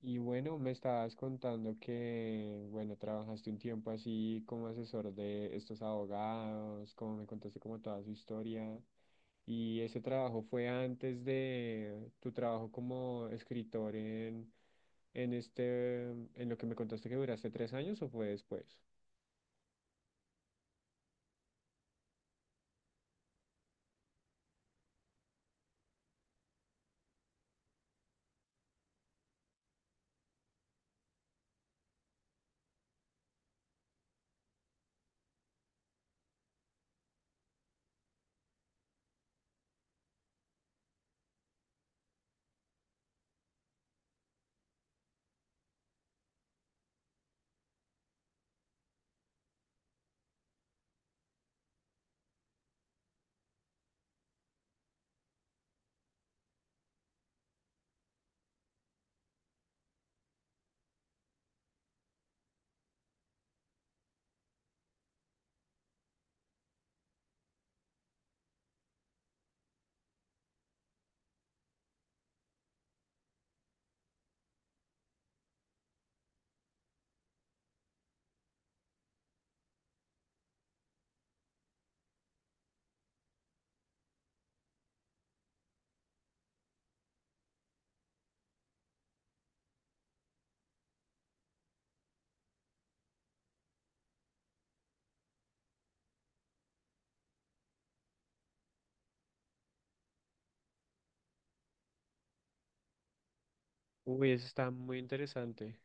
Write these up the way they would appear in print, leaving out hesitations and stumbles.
Y bueno, me estabas contando que, bueno, trabajaste un tiempo así como asesor de estos abogados, como me contaste como toda su historia. Y ese trabajo fue antes de tu trabajo como escritor en en lo que me contaste que duraste 3 años o fue después. Uy, eso está muy interesante.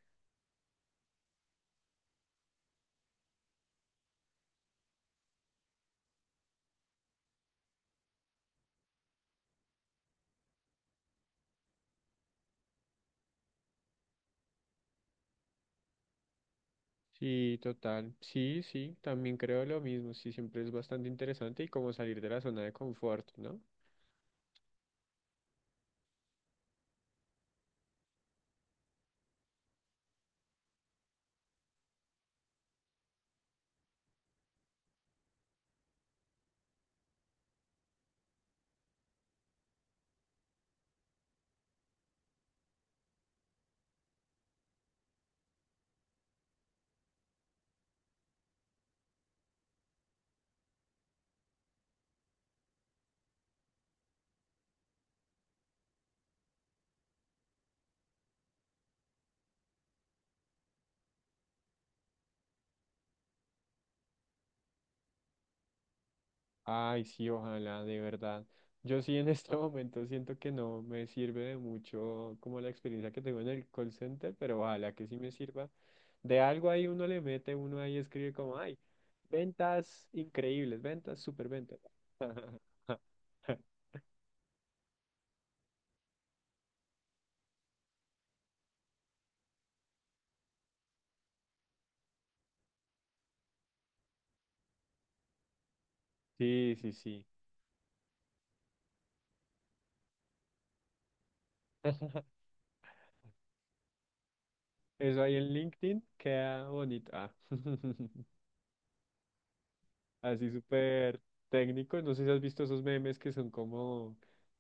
Sí, total. Sí, sí, también creo lo mismo. Sí, siempre es bastante interesante y como salir de la zona de confort, ¿no? Ay, sí, ojalá, de verdad. Yo sí en este momento siento que no me sirve de mucho como la experiencia que tengo en el call center, pero ojalá que sí me sirva. De algo ahí uno le mete, uno ahí escribe como, ay, ventas increíbles, ventas, super ventas. Sí, sí, sí. Eso ahí en LinkedIn queda bonito. Ah. Así súper técnico. No sé si has visto esos memes que son como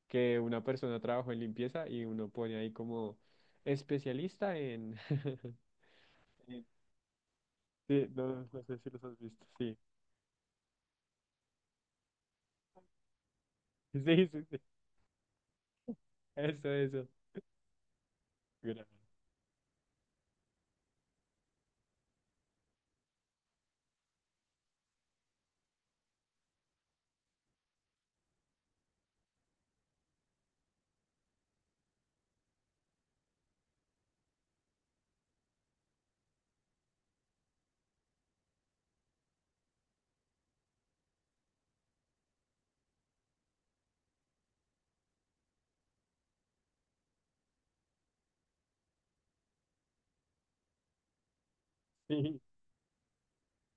que una persona trabajó en limpieza y uno pone ahí como especialista en... Sí, sí, no, no sé si los has visto. Sí, sí, sí, sí. Eso, eso. Gra- Sí,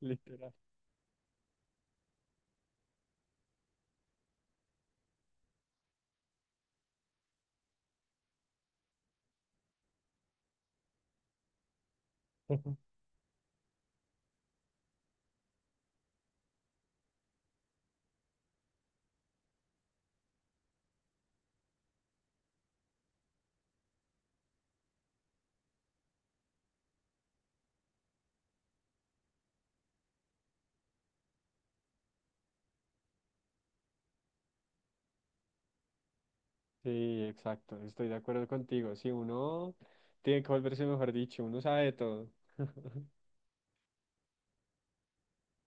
literal. Sí, exacto. Estoy de acuerdo contigo. Si uno tiene que volverse, mejor dicho, uno sabe de todo.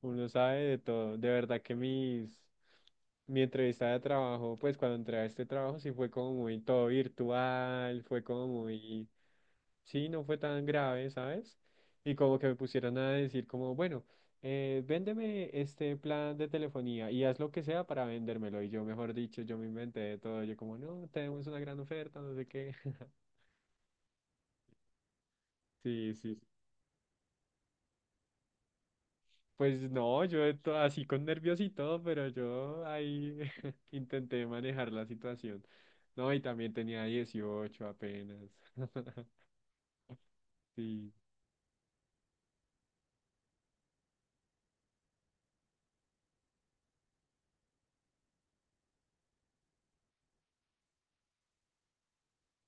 Uno sabe de todo. De verdad que mi entrevista de trabajo, pues cuando entré a este trabajo sí fue como muy todo virtual, fue como muy, sí, no fue tan grave, ¿sabes? Y como que me pusieron a decir como, bueno, véndeme este plan de telefonía y haz lo que sea para vendérmelo. Y yo, mejor dicho, yo me inventé de todo. Yo como, no, tenemos una gran oferta, no sé qué. Sí, sí, pues no, así con nervios y todo, pero yo ahí intenté manejar la situación. No, y también tenía 18 apenas. Sí,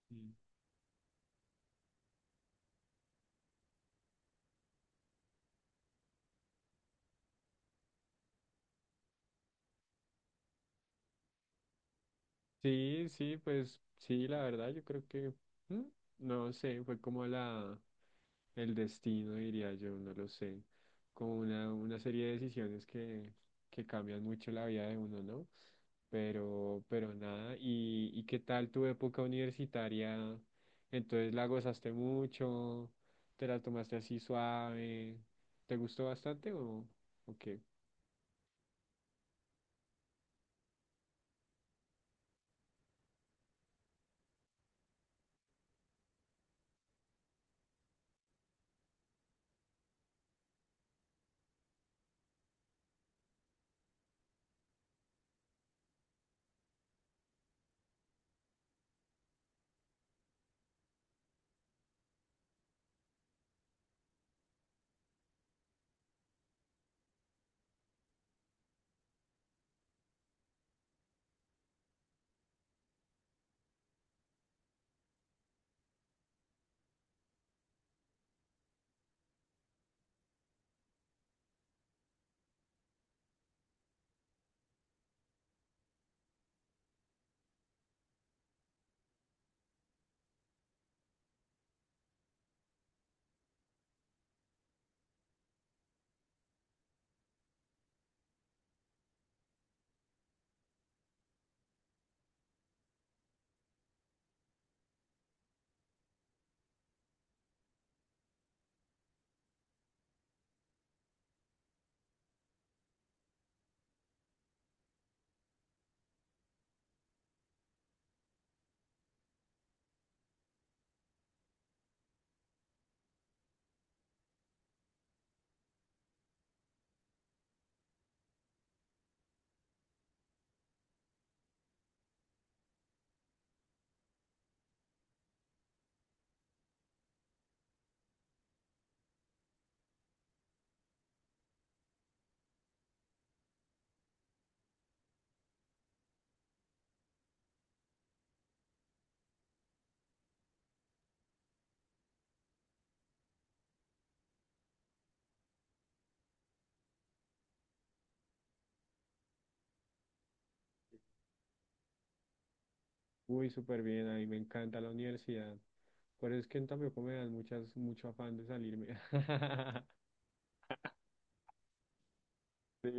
sí, sí, sí, pues sí, la verdad, yo creo que, mm, no sé, fue como la... El destino, diría yo, no lo sé, como una, serie de decisiones que cambian mucho la vida de uno, ¿no? Pero nada, ¿y qué tal tu época universitaria? Entonces la gozaste mucho, te la tomaste así suave, ¿te gustó bastante o qué? Uy, súper bien, a mí me encanta la universidad. Por eso es que tampoco me dan muchas, mucho afán de salirme. Sí,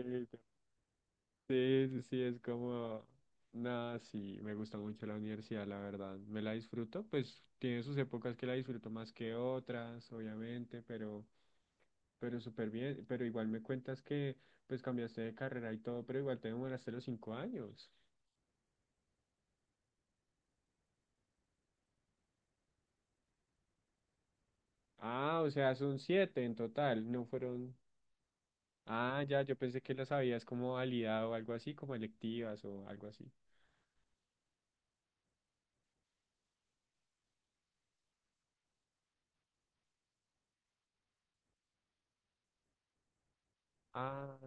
sí, sí, sí, es como, nada, sí, me gusta mucho la universidad, la verdad, me la disfruto, pues tiene sus épocas que la disfruto más que otras, obviamente, pero súper bien, pero igual me cuentas que, pues cambiaste de carrera y todo, pero igual te demoraste los 5 años. Ah, o sea, son 7 en total, no fueron, ah, ya, yo pensé que las habías como validado o algo así, como electivas o algo así. Ah.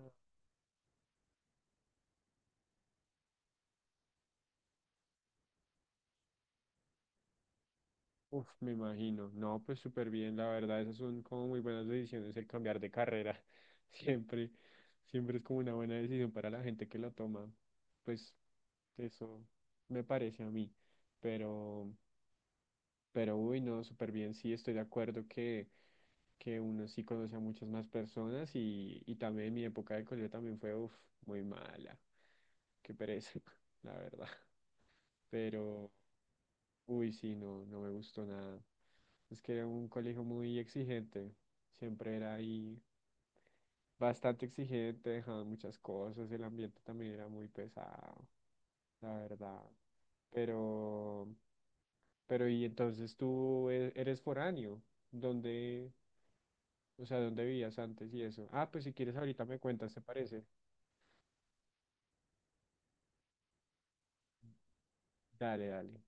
Uf, me imagino. No, pues súper bien, la verdad, esas son como muy buenas decisiones el cambiar de carrera. Siempre, siempre es como una buena decisión para la gente que la toma. Pues eso me parece a mí. Pero, pero uy, no, súper bien. Sí, estoy de acuerdo que uno sí conoce a muchas más personas y también mi época de colegio también fue, uf, muy mala. Qué pereza, la verdad. Pero, uy, sí, no, no me gustó nada. Es que era un colegio muy exigente. Siempre era ahí bastante exigente, dejaban muchas cosas. El ambiente también era muy pesado, la verdad. Pero, pero y entonces tú eres foráneo. ¿Dónde, o sea, dónde vivías antes y eso? Ah, pues si quieres ahorita me cuentas, ¿te parece? Dale, dale.